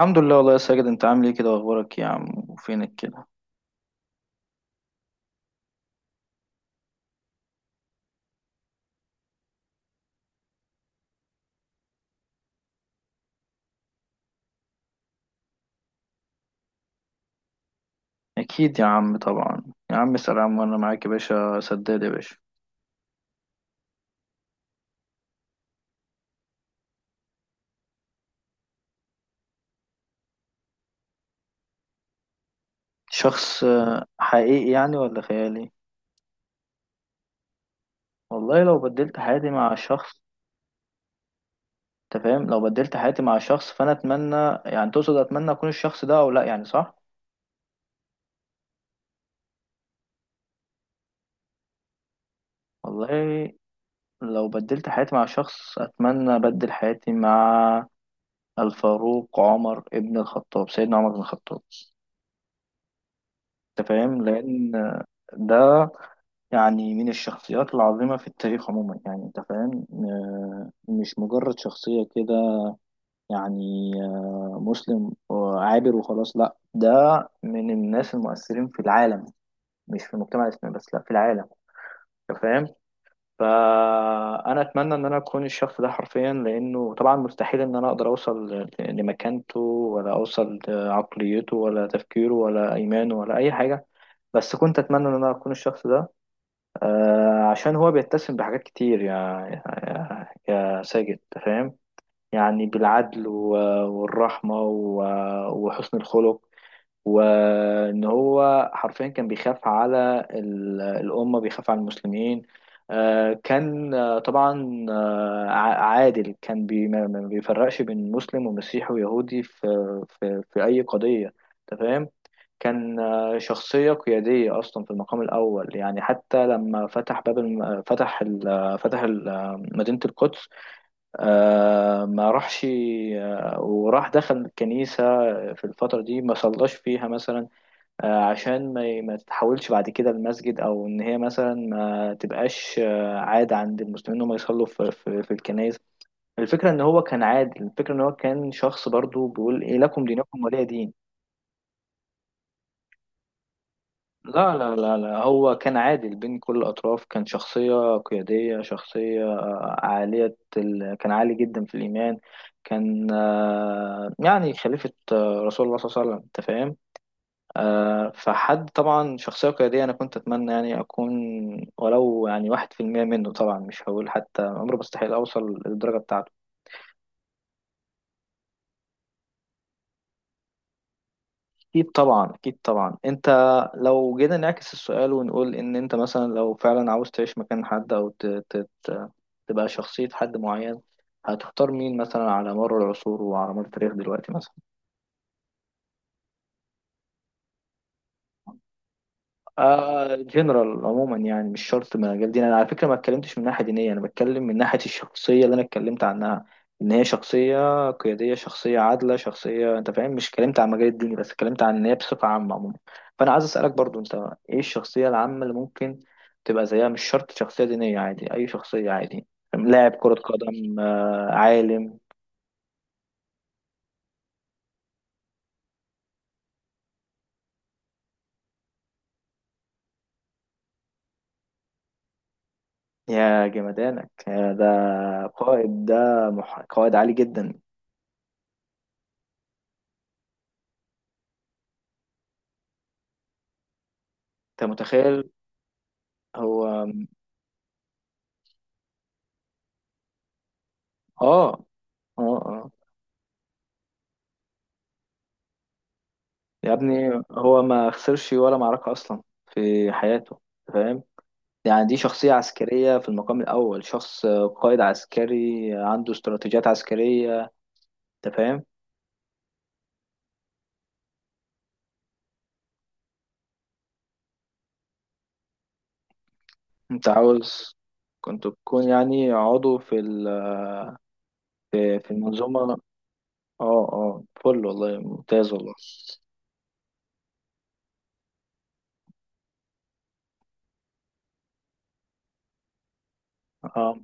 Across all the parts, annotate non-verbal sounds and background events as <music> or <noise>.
الحمد لله والله يا ساجد، انت عامل ايه كده واخبارك؟ يا عم وفينك كده؟ اكيد يا عم طبعا. يا عم اسأل، يا عم وانا معاك يا باشا، سداد يا باشا. شخص حقيقي يعني ولا خيالي؟ والله لو بدلت حياتي مع شخص... انت فاهم؟ لو بدلت حياتي مع شخص فانا اتمنى... يعني تقصد اتمنى اكون الشخص ده او لا، يعني صح؟ والله لو بدلت حياتي مع شخص، اتمنى ابدل حياتي مع الفاروق عمر ابن الخطاب، سيدنا عمر بن الخطاب. انت فاهم؟ لان ده يعني من الشخصيات العظيمة في التاريخ عموما، يعني أنت فاهم؟ مش مجرد شخصية كده. يعني مسلم عابر وخلاص، لا، ده من الناس المؤثرين في العالم، مش في المجتمع الإسلامي بس، لا، في العالم. أنت فاهم؟ فأنا أتمنى إن أنا أكون الشخص ده حرفيا، لأنه طبعا مستحيل إن أنا أقدر أوصل لمكانته، ولا أوصل لعقليته، ولا تفكيره، ولا إيمانه، ولا أي حاجة. بس كنت أتمنى إن أنا أكون الشخص ده. عشان هو بيتسم بحاجات كتير يا يا, يا ساجد. أنت فاهم؟ يعني بالعدل والرحمة وحسن الخلق. وان هو حرفيا كان بيخاف على الامه، بيخاف على المسلمين. كان طبعا عادل. كان ما بيفرقش بين مسلم ومسيحي ويهودي في اي قضيه. أنت فاهم؟ كان شخصيه قياديه اصلا في المقام الاول، يعني حتى لما فتح باب الم... فتح ال... فتح ال... آه، مدينه القدس. ما راحش. وراح دخل الكنيسة. في الفترة دي ما صلاش فيها مثلا. عشان ما تتحولش بعد كده المسجد، أو إن هي مثلا ما تبقاش عادة عند المسلمين إنهم يصلوا في الكنائس. الفكرة إن هو كان عادي، الفكرة إن هو كان شخص برضو بيقول إيه؟ لكم دينكم ولي دين. لا لا لا لا، هو كان عادل بين كل الأطراف، كان شخصية قيادية، شخصية كان عالي جدا في الإيمان. كان يعني خليفة رسول الله صلى الله عليه وسلم، أنت فاهم؟ فحد طبعا شخصية قيادية، أنا كنت أتمنى يعني أكون ولو يعني 1% منه، طبعا مش هقول حتى، عمري مستحيل أوصل للدرجة بتاعته. اكيد طبعا، اكيد طبعا، انت... لو جينا نعكس السؤال ونقول ان انت مثلا لو فعلا عاوز تعيش مكان حد، او تبقى شخصية حد معين، هتختار مين مثلا على مر العصور وعلى مر التاريخ دلوقتي مثلا؟ جنرال عموما، يعني مش شرط من مجال ديني، انا على فكره ما اتكلمتش من ناحيه دينيه، انا بتكلم من ناحيه الشخصيه اللي انا اتكلمت عنها. ان هي شخصيه قياديه، شخصيه عادله، شخصيه، انت فاهم؟ مش اتكلمت عن مجال الديني بس، اتكلمت عن ان هي بصفه عامه عموما. فانا عايز اسالك برضو انت، ايه الشخصيه العامه اللي ممكن تبقى زيها؟ مش شرط شخصيه دينيه، عادي اي شخصيه، عادي، لاعب كره قدم، عالم. يا جمدانك يا ده! قائد ده، قائد عالي جدا. انت متخيل؟ هو... اه اه اه. يا ابني، هو ما خسرش ولا معركة أصلا في حياته، فاهم؟ يعني دي شخصية عسكرية في المقام الأول، شخص قائد عسكري عنده استراتيجيات عسكرية، أنت فاهم؟ أنت عاوز كنت تكون يعني عضو في ال... في في المنظومة. اه اه، فل والله، ممتاز والله. اه،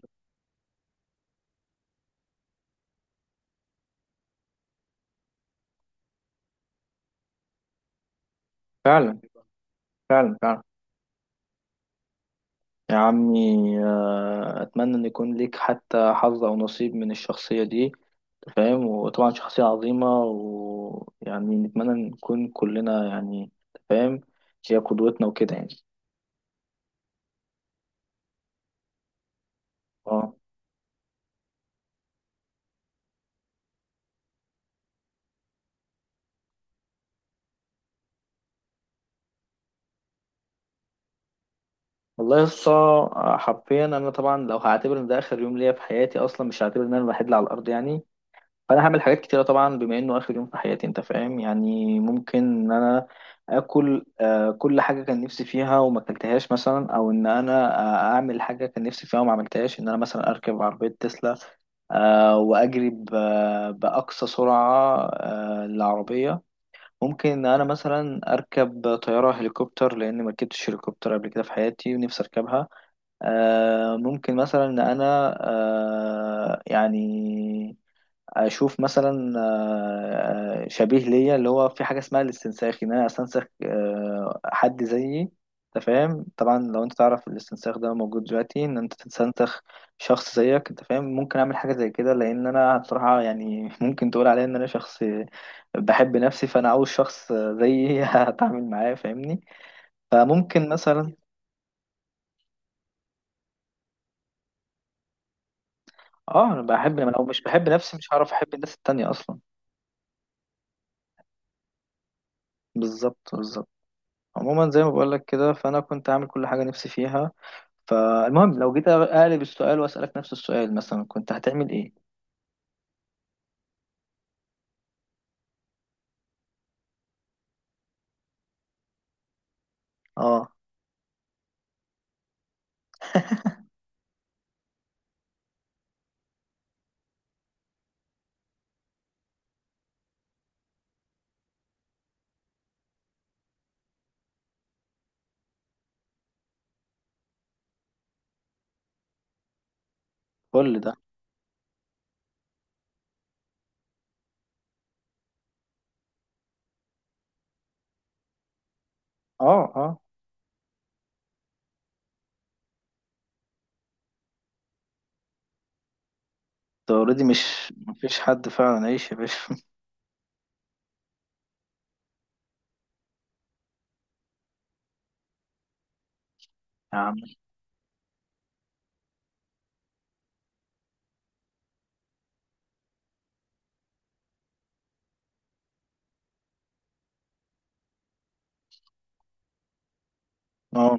فعلا فعلا فعلا. يا عمي، أتمنى إن يكون ليك حتى حظ أو نصيب من الشخصية دي، فاهم؟ وطبعا شخصية عظيمة، ويعني نتمنى نكون كلنا يعني، فاهم؟ هي قدوتنا وكده يعني. اه، والله لسه، حرفيا انا طبعا لو هعتبر ان ده اخر يوم ليا في حياتي اصلا، مش هعتبر ان انا الوحيد اللي على الارض يعني، فانا هعمل حاجات كتيره طبعا بما انه اخر يوم في حياتي، انت فاهم؟ يعني ممكن ان انا اكل كل حاجه كان نفسي فيها وما اكلتهاش مثلا، او ان انا اعمل حاجه كان نفسي فيها وما عملتهاش. ان انا مثلا اركب عربيه تسلا، واجري باقصى سرعه للعربيه. ممكن ان انا مثلا اركب طياره هليكوبتر، لان ما ركبتش هليكوبتر قبل كده في حياتي ونفسي اركبها. ممكن مثلا ان انا يعني اشوف مثلا شبيه ليا، اللي هو في حاجه اسمها الاستنساخ، ان انا استنسخ حد زيي. انت فاهم؟ طبعا لو انت تعرف الاستنساخ ده موجود دلوقتي، ان انت تستنسخ شخص زيك، انت فاهم؟ ممكن اعمل حاجه زي كده، لان انا بصراحه يعني <laughs> ممكن تقول عليا ان انا شخص بحب نفسي، فانا عاوز شخص زيي <laughs> هتعامل معاه، فاهمني؟ فممكن مثلا... اه، انا بحب، لما لو مش بحب نفسي مش هعرف احب الناس التانية اصلا. بالظبط بالظبط. عموما زي ما بقولك كده، فانا كنت عامل كل حاجه نفسي فيها. فالمهم لو جيت اقلب السؤال واسالك نفس السؤال مثلا، كنت هتعمل ايه؟ اه، كل ده. اه اه. انت اوريدي، مش مفيش حد فعلا، عيش يا باشا <laughs> يا عم، اه،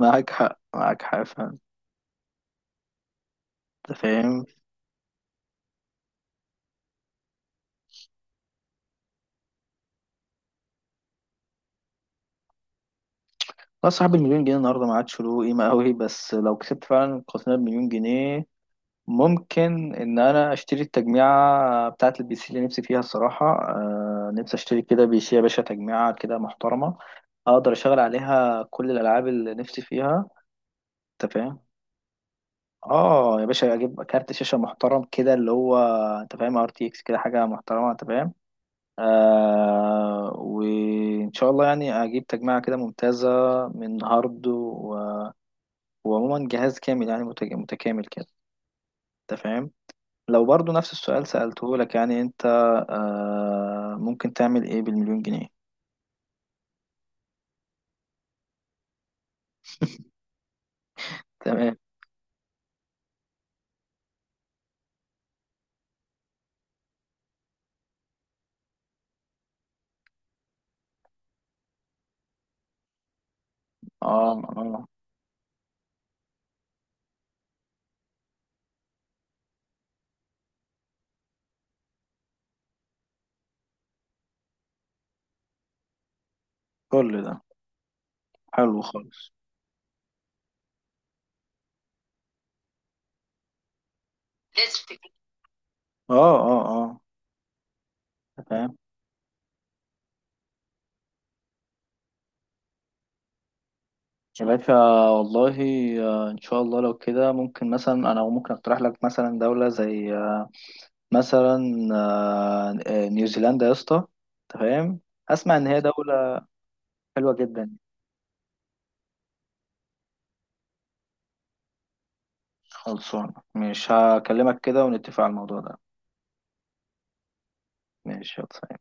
معاك حق، معاك حق فعلا. انت فاهم؟ لا، صاحب المليون جنيه النهارده ما عادش له قيمه قوي، بس لو كسبت فعلا قسم المليون جنيه، ممكن ان انا اشتري التجميعة بتاعة الPC اللي نفسي فيها الصراحة. آه، نفسي اشتري كده PC يا باشا، تجميعة كده محترمة اقدر اشغل عليها كل الالعاب اللي نفسي فيها. انت فاهم؟ اه يا باشا، اجيب كارت شاشة محترم كده، اللي هو انت فاهم، RTX كده، حاجة محترمة، انت فاهم؟ آه، وان شاء الله يعني اجيب تجميعة كده ممتازة، من هارد وعموما جهاز كامل، يعني متكامل كده، انت فاهم؟ لو برضو نفس السؤال سألته لك، يعني انت ممكن تعمل ايه بالمليون جنيه؟ تمام. اه اه، كل ده حلو خالص. لازم تجيب. اه اه اه. تمام يا باشا، والله، ان شاء الله لو كده، ممكن مثلا انا ممكن اقترح لك مثلا دولة زي مثلا نيوزيلندا يا اسطى. تمام. اسمع، ان هي دولة حلوة جدا. خلصانة، مش هكلمك كده ونتفق على الموضوع ده. ماشي يلا.